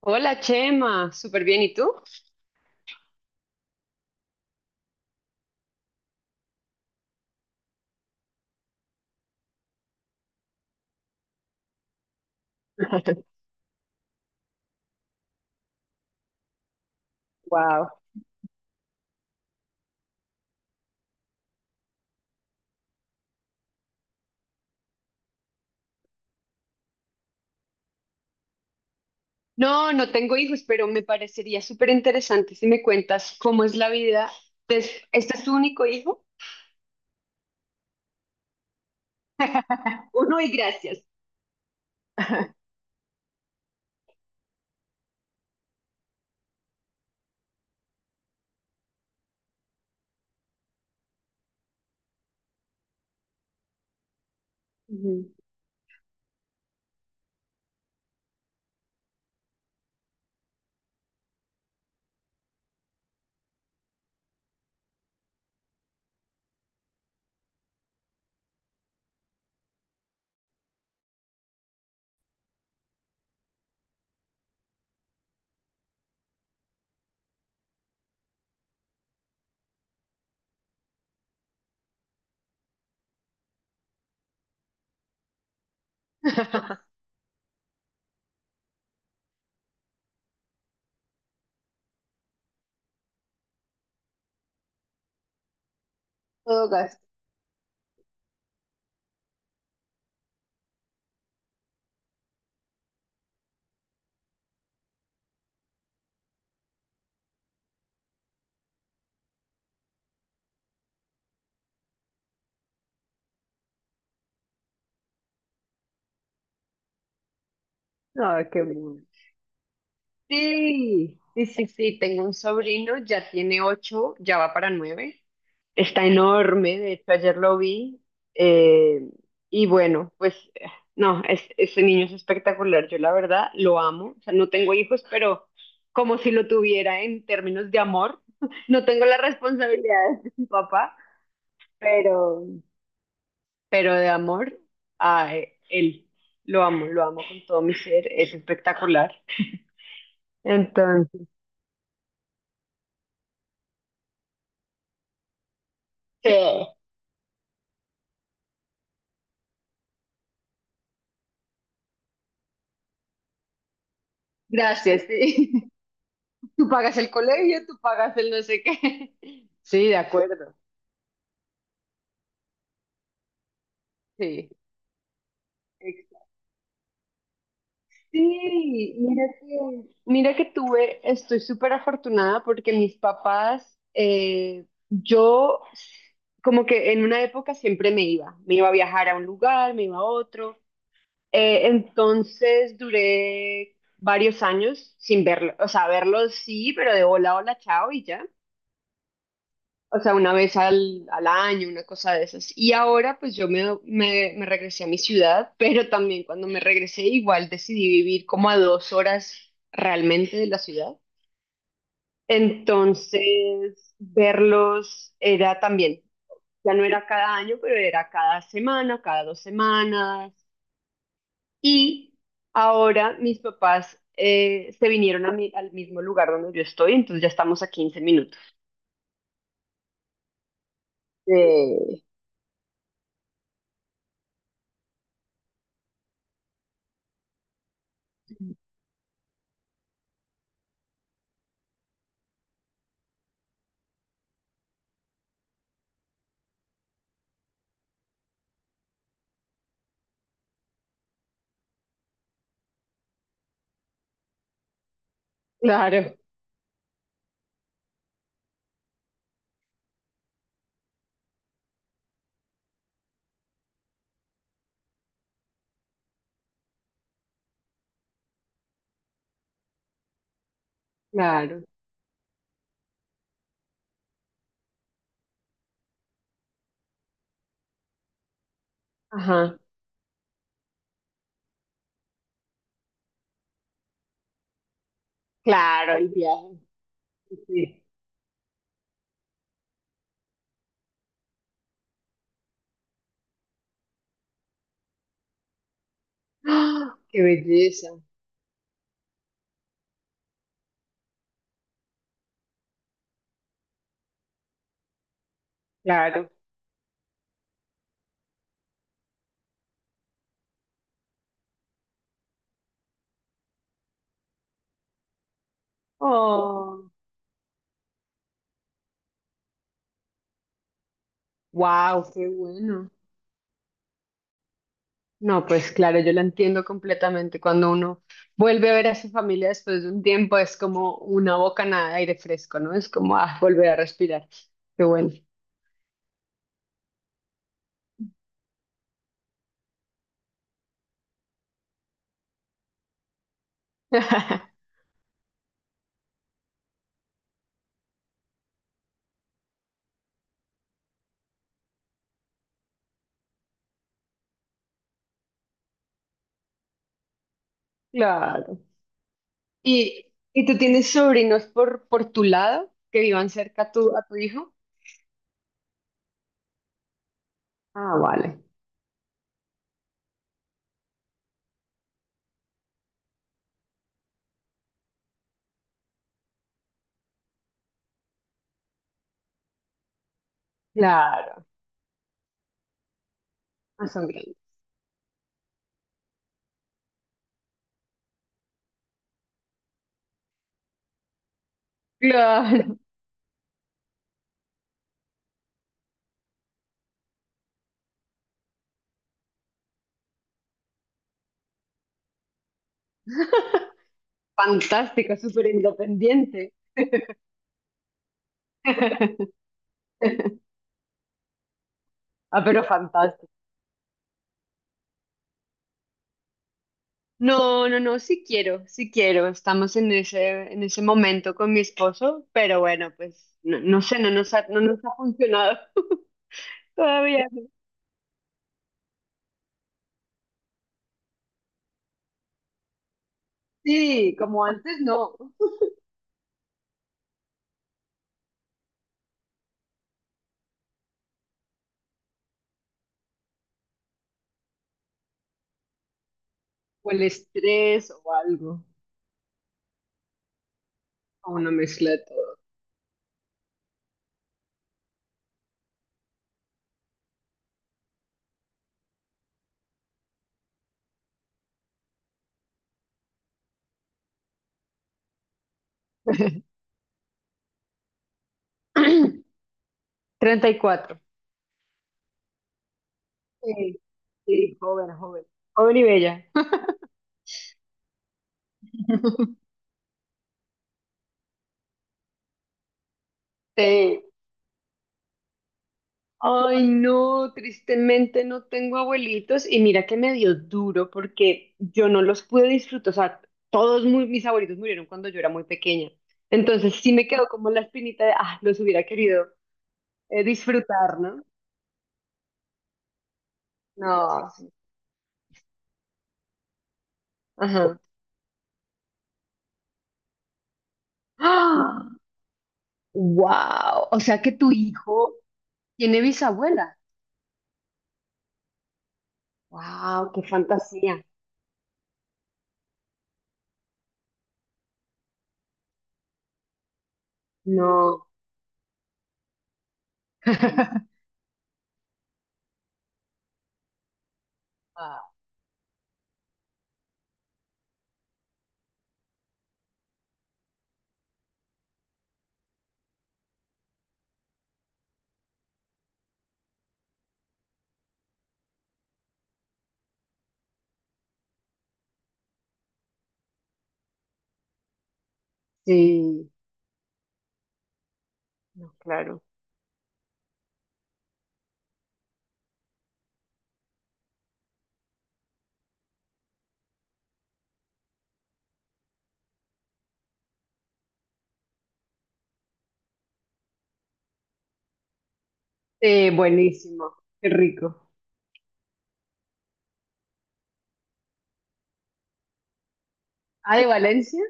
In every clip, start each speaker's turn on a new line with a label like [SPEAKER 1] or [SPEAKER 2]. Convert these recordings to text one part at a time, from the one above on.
[SPEAKER 1] Hola Chema, súper bien, ¿y tú? Wow. No, no tengo hijos, pero me parecería súper interesante si me cuentas cómo es la vida. ¿Este es tu único hijo? Uno y gracias. Ujú. Todo gasto. Ah, qué bueno. Sí, sí, sí, sí, tengo un sobrino, ya tiene 8, ya va para 9. Está enorme, de hecho ayer lo vi. eh, y bueno, pues no, ese niño es espectacular, yo la verdad lo amo. O sea, no tengo hijos, pero como si lo tuviera en términos de amor. No tengo las responsabilidades de mi papá, pero de amor a él. Lo amo con todo mi ser, es espectacular. Entonces, sí, gracias. Sí. Tú pagas el colegio, tú pagas el no sé qué. Sí, de acuerdo. Sí. Sí, mira que tuve, estoy súper afortunada porque mis papás, yo como que en una época siempre me iba a viajar a un lugar, me iba a otro, entonces duré varios años sin verlo, o sea, verlos sí, pero de hola, hola, chao y ya. O sea, una vez al año, una cosa de esas. Y ahora pues yo me regresé a mi ciudad, pero también cuando me regresé igual decidí vivir como a 2 horas realmente de la ciudad. Entonces, verlos era también, ya no era cada año, pero era cada semana, cada dos semanas. Y ahora mis papás se vinieron al mismo lugar donde yo estoy, entonces ya estamos a 15 minutos. Eh, claro, claro. Ajá. Claro, el viaje. Sí. Sí. ¡Ah! ¡Qué belleza! Claro. Oh, wow, qué bueno. No, pues claro, yo lo entiendo completamente. Cuando uno vuelve a ver a su familia después de un tiempo, es como una bocanada de aire fresco, ¿no? Es como ah, volver a respirar. Qué bueno. Claro. ¿Y, y tú tienes sobrinos por tu lado que vivan cerca a tu hijo? Ah, vale. Claro. Ah, son grandes. Claro. Fantástica, súper independiente. Ah, pero fantástico. No, no, no, sí quiero, sí quiero. Estamos en ese momento con mi esposo, pero bueno, pues no, no sé, no nos ha funcionado todavía. Sí, como antes no. O el estrés o algo, o una mezcla de todo. 34. Sí, sí, joven, joven. Joven y bella. Sí. Ay, no, tristemente no tengo abuelitos y mira que me dio duro porque yo no los pude disfrutar, o sea, mis abuelitos murieron cuando yo era muy pequeña. Entonces sí me quedó como la espinita de, ah, los hubiera querido disfrutar, ¿no? No, ajá. ¡Ah! ¡Wow! O sea que tu hijo tiene bisabuela. ¡Wow! ¡Qué fantasía! No. Ah, sí, no, claro. Buenísimo, qué rico. Ah, de Valencia.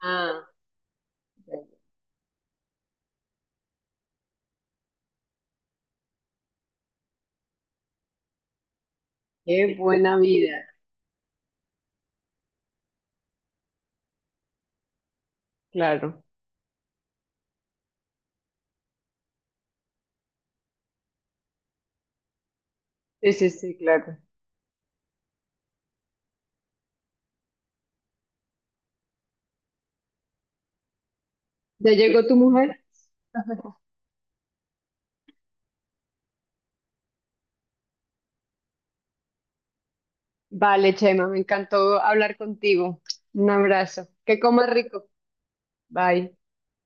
[SPEAKER 1] Ah, qué buena vida. Claro. Sí, sí, sí, claro. ¿Ya llegó tu mujer? Vale, Chema, me encantó hablar contigo. Un abrazo. Que comas rico. Bye.